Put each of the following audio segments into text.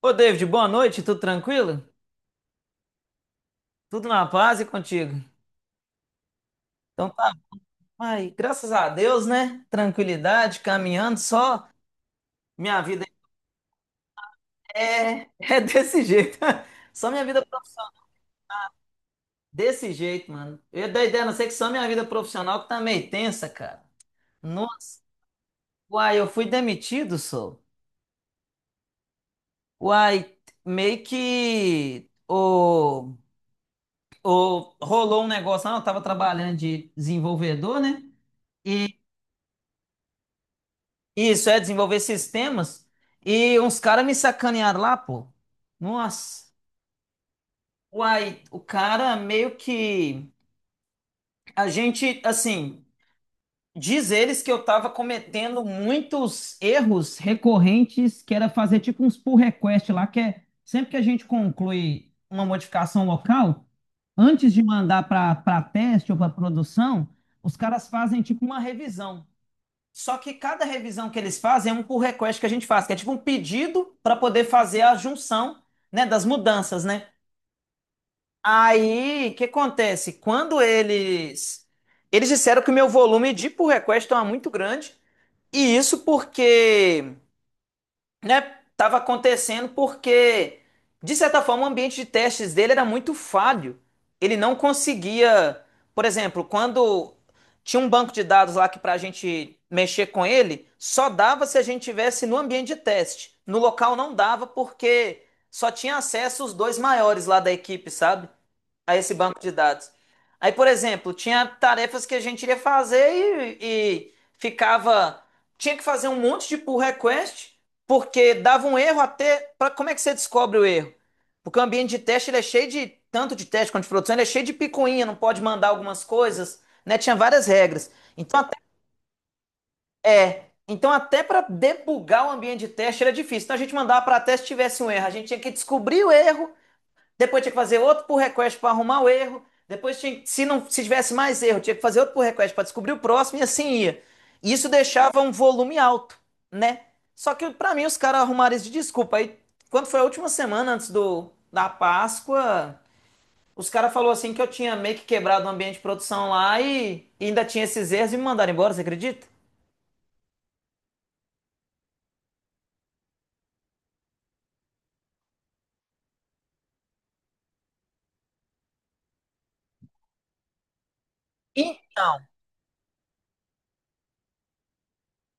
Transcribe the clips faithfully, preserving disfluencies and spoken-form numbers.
Ô, David, boa noite, tudo tranquilo? Tudo na paz e contigo? Então tá, ai, graças a Deus, né? Tranquilidade, caminhando, só minha vida é, é desse jeito. Só minha vida profissional, desse jeito, mano. Eu ia dar ideia, a não ser que só minha vida profissional que tá meio tensa, cara. Nossa, uai, eu fui demitido, sou. Uai, meio que o, o, rolou um negócio, lá, eu tava trabalhando de desenvolvedor, né? Isso, é desenvolver sistemas. E uns caras me sacanearam lá, pô. Nossa. Uai, o cara meio que. A gente, assim, diz eles que eu tava cometendo muitos erros recorrentes, que era fazer tipo uns pull request lá, que é sempre que a gente conclui uma modificação local, antes de mandar para para teste ou para produção, os caras fazem tipo uma revisão. Só que cada revisão que eles fazem é um pull request que a gente faz, que é tipo um pedido para poder fazer a junção, né, das mudanças, né? Aí, o que acontece? Quando eles eles disseram que o meu volume de pull request estava muito grande, e isso porque, né, estava acontecendo porque, de certa forma, o ambiente de testes dele era muito falho. Ele não conseguia, por exemplo, quando tinha um banco de dados lá que, para a gente mexer com ele, só dava se a gente tivesse no ambiente de teste. No local não dava porque só tinha acesso os dois maiores lá da equipe, sabe? A esse banco de dados. Aí, por exemplo, tinha tarefas que a gente iria fazer e, e ficava. Tinha que fazer um monte de pull request, porque dava um erro até. Pra, como é que você descobre o erro? Porque o ambiente de teste ele é cheio de. Tanto de teste quanto de produção, ele é cheio de picuinha, não pode mandar algumas coisas, né? Tinha várias regras. Então, até, é, então, até para debugar o ambiente de teste era difícil. Então, a gente mandava para teste tivesse um erro. A gente tinha que descobrir o erro, depois tinha que fazer outro pull request para arrumar o erro. Depois tinha, se não, se tivesse mais erro, tinha que fazer outro pull request para descobrir o próximo e assim ia. Isso deixava um volume alto, né? Só que para mim os caras arrumaram isso de desculpa. Aí, quando foi a última semana antes do da Páscoa, os caras falou assim que eu tinha meio que quebrado o ambiente de produção lá e, e ainda tinha esses erros e me mandaram embora, você acredita? Então,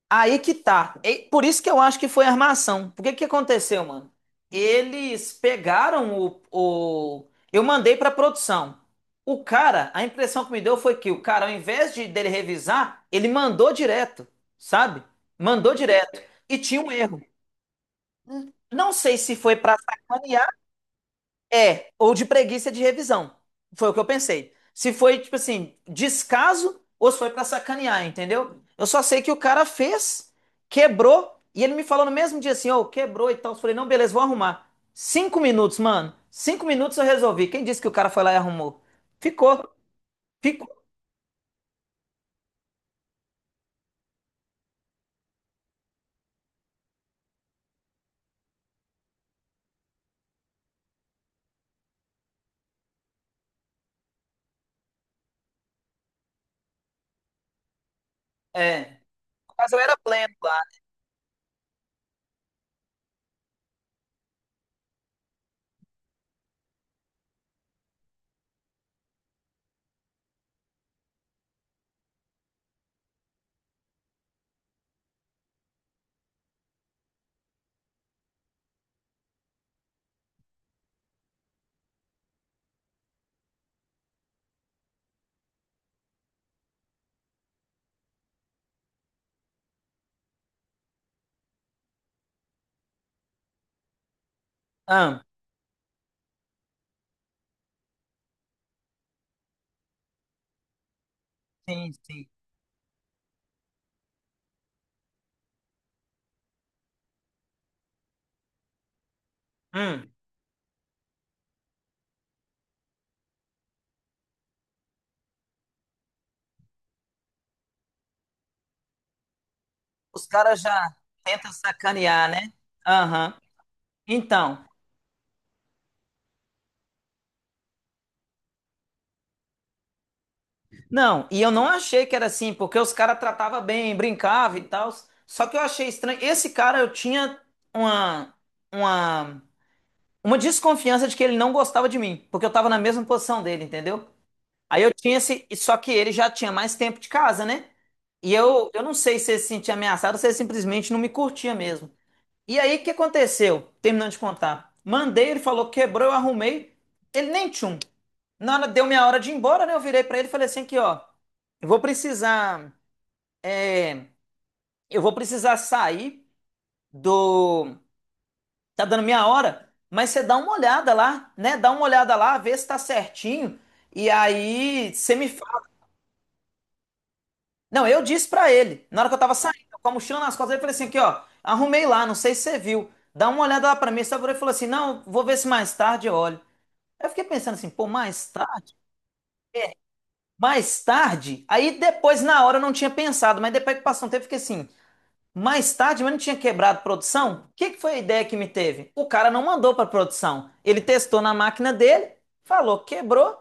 aí que tá. E por isso que eu acho que foi armação. Por que que aconteceu, mano? Eles pegaram o, o... Eu mandei pra produção. O cara, a impressão que me deu foi que o cara, ao invés de dele revisar, ele mandou direto, sabe? Mandou direto. E tinha um erro. Não sei se foi pra sacanear. É, ou de preguiça de revisão. Foi o que eu pensei. Se foi, tipo assim, descaso ou se foi pra sacanear, entendeu? Eu só sei que o cara fez, quebrou, e ele me falou no mesmo dia assim, ô, quebrou e tal. Eu falei, não, beleza, vou arrumar. Cinco minutos, mano. Cinco minutos eu resolvi. Quem disse que o cara foi lá e arrumou? Ficou, ficou. É, no caso eu era pleno lá. Ah, sim, sim. Hum, os caras já tentam sacanear, né? Aham. Então. Não, e eu não achei que era assim, porque os caras tratavam bem, brincavam e tal. Só que eu achei estranho. Esse cara, eu tinha uma, uma, uma desconfiança de que ele não gostava de mim, porque eu tava na mesma posição dele, entendeu? Aí eu tinha esse. E só que ele já tinha mais tempo de casa, né? E eu, eu não sei se ele se sentia ameaçado ou se ele simplesmente não me curtia mesmo. E aí, o que aconteceu? Terminando de contar. Mandei, ele falou, quebrou, eu arrumei. Ele nem tchum. Na hora, deu minha hora de ir embora, né? Eu virei pra ele e falei assim aqui, ó. Eu vou precisar... é, eu vou precisar sair do... Tá dando minha hora, mas você dá uma olhada lá, né? Dá uma olhada lá, vê se tá certinho. E aí, você me fala. Não, eu disse pra ele, na hora que eu tava saindo, com a mochila nas costas, eu falei assim aqui, ó. Arrumei lá, não sei se você viu. Dá uma olhada lá pra mim. Só virou e falou assim, não, vou ver se mais tarde eu olho. Eu fiquei pensando assim, pô, mais tarde? Mais tarde? Aí depois, na hora, eu não tinha pensado, mas depois que passou um tempo, eu fiquei assim, mais tarde, mas não tinha quebrado produção? O que que foi a ideia que me teve? O cara não mandou para produção. Ele testou na máquina dele, falou, quebrou,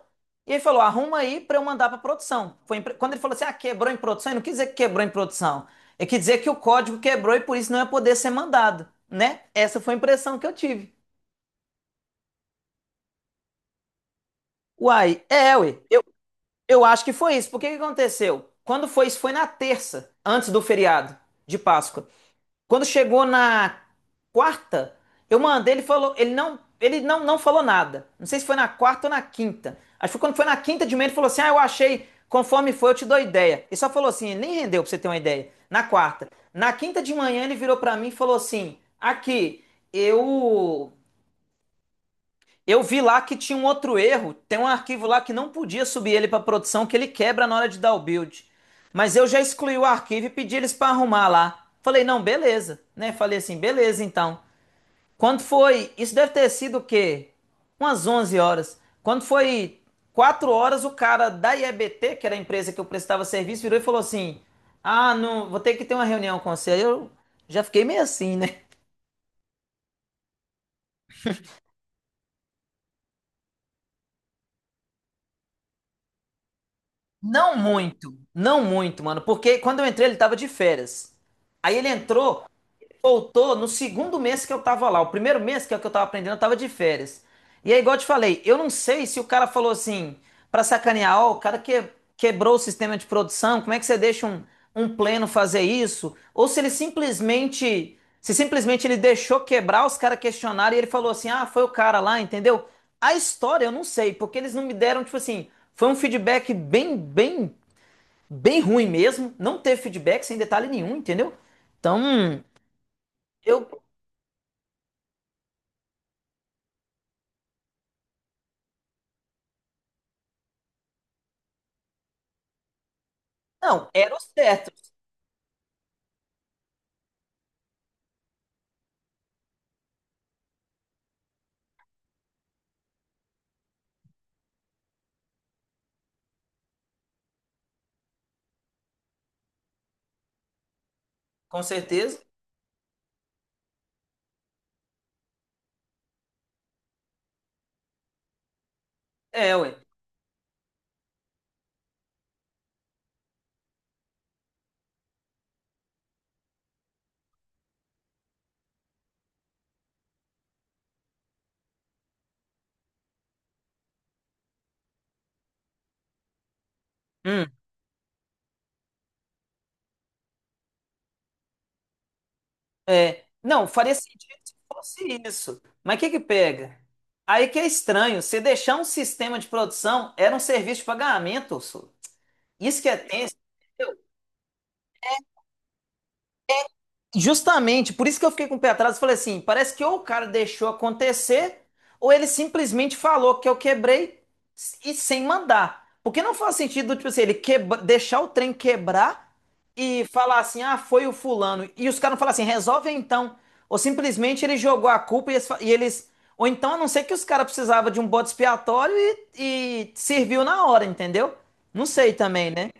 e ele falou, arruma aí para eu mandar para produção. Foi em pre- quando ele falou assim, ah, quebrou em produção, ele não quis dizer que quebrou em produção. Ele quis dizer que o código quebrou e por isso não ia poder ser mandado, né? Essa foi a impressão que eu tive. Uai, é, ué. Eu, Eu acho que foi isso. Porque que que aconteceu? Quando foi isso? Foi na terça, antes do feriado de Páscoa. Quando chegou na quarta, eu mandei, ele falou, ele não, ele não, não falou nada. Não sei se foi na quarta ou na quinta. Acho que foi quando foi na quinta de manhã, ele falou assim: "Ah, eu achei, conforme foi, eu te dou ideia". E só falou assim, ele nem rendeu pra você ter uma ideia. Na quarta. Na quinta de manhã ele virou pra mim e falou assim: "Aqui, eu eu vi lá que tinha um outro erro. Tem um arquivo lá que não podia subir ele para produção, que ele quebra na hora de dar o build. Mas eu já excluí o arquivo e pedi eles para arrumar lá." Falei, não, beleza, né? Falei assim, beleza então. Quando foi? Isso deve ter sido o quê? Umas onze horas. Quando foi quatro horas, o cara da I E B T, que era a empresa que eu prestava serviço, virou e falou assim: ah, não, vou ter que ter uma reunião com você. Aí eu já fiquei meio assim, né? Não muito, não muito, mano, porque quando eu entrei ele tava de férias. Aí ele entrou, voltou no segundo mês que eu tava lá. O primeiro mês, que é o que eu tava aprendendo, eu tava de férias. E aí, igual eu te falei, eu não sei se o cara falou assim, pra sacanear, ó, o cara que, quebrou o sistema de produção, como é que você deixa um, um pleno fazer isso? Ou se ele simplesmente, se simplesmente ele deixou quebrar, os caras questionaram e ele falou assim, ah, foi o cara lá, entendeu? A história eu não sei, porque eles não me deram, tipo assim, foi um feedback bem, bem, bem ruim mesmo. Não teve feedback sem detalhe nenhum, entendeu? Então, eu, não, era o certo, com certeza. É, ué. Hum, é. Não, faria sentido se fosse isso. Mas o que que pega? Aí que é estranho, você deixar um sistema de produção era um serviço de pagamento, só. Isso que é tenso. Justamente, por isso que eu fiquei com o pé atrás e falei assim: parece que ou o cara deixou acontecer, ou ele simplesmente falou que eu quebrei e sem mandar. Porque não faz sentido, tipo assim, ele quebra, deixar o trem quebrar e falar assim: ah, foi o fulano. E os caras não falam assim: resolve então. Ou simplesmente ele jogou a culpa e eles. Fa- e eles- ou então, a não ser que os caras precisavam de um bode expiatório e, e serviu na hora, entendeu? Não sei também, né?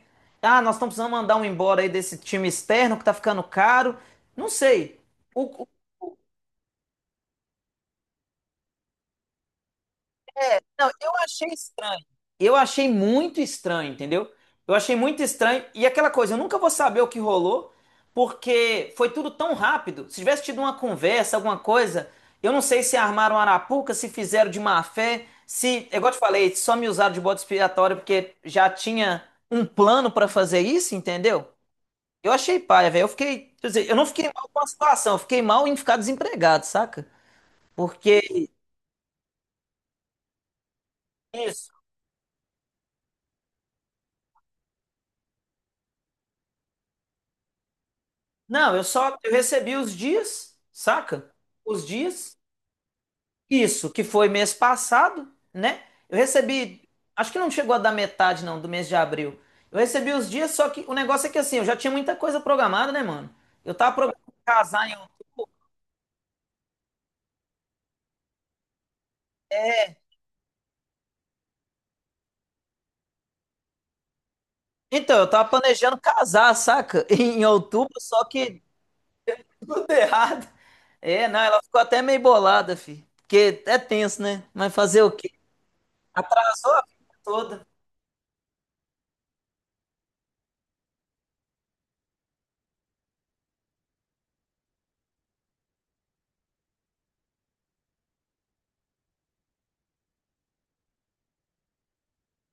Ah, nós estamos precisando mandar um embora aí desse time externo que tá ficando caro. Não sei. O- o- não, eu achei estranho. Eu achei muito estranho, entendeu? Eu achei muito estranho. E aquela coisa, eu nunca vou saber o que rolou, porque foi tudo tão rápido. Se tivesse tido uma conversa, alguma coisa, eu não sei se armaram arapuca, se fizeram de má fé, se, é igual eu te falei, só me usaram de bode expiatório porque já tinha um plano pra fazer isso, entendeu? Eu achei paia, velho. Eu fiquei, quer dizer, eu não fiquei mal com a situação, eu fiquei mal em ficar desempregado, saca? Porque não, eu só eu recebi os dias, saca? Os dias. Isso, que foi mês passado, né? Eu recebi, acho que não chegou a dar metade não do mês de abril. Eu recebi os dias, só que o negócio é que assim, eu já tinha muita coisa programada, né, mano? Eu tava programando casar em out- então, eu tava planejando casar, saca? Em outubro, só que tudo errado. É, não, ela ficou até meio bolada, fi. Porque é tenso, né? Mas fazer o quê? Atrasou a vida toda.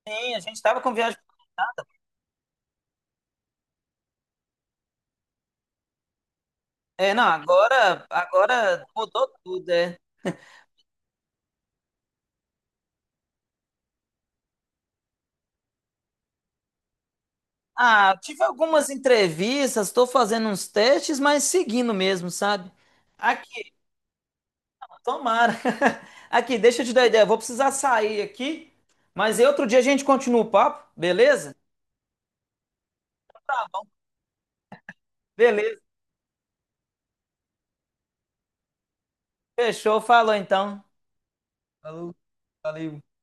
Sim, a gente tava com viagem, é, não, agora, agora mudou tudo, é. Ah, tive algumas entrevistas, estou fazendo uns testes, mas seguindo mesmo, sabe? Aqui, tomara. Aqui, deixa eu te dar ideia, vou precisar sair aqui, mas aí outro dia a gente continua o papo, beleza? Beleza, fechou, falou então. Falou, valeu.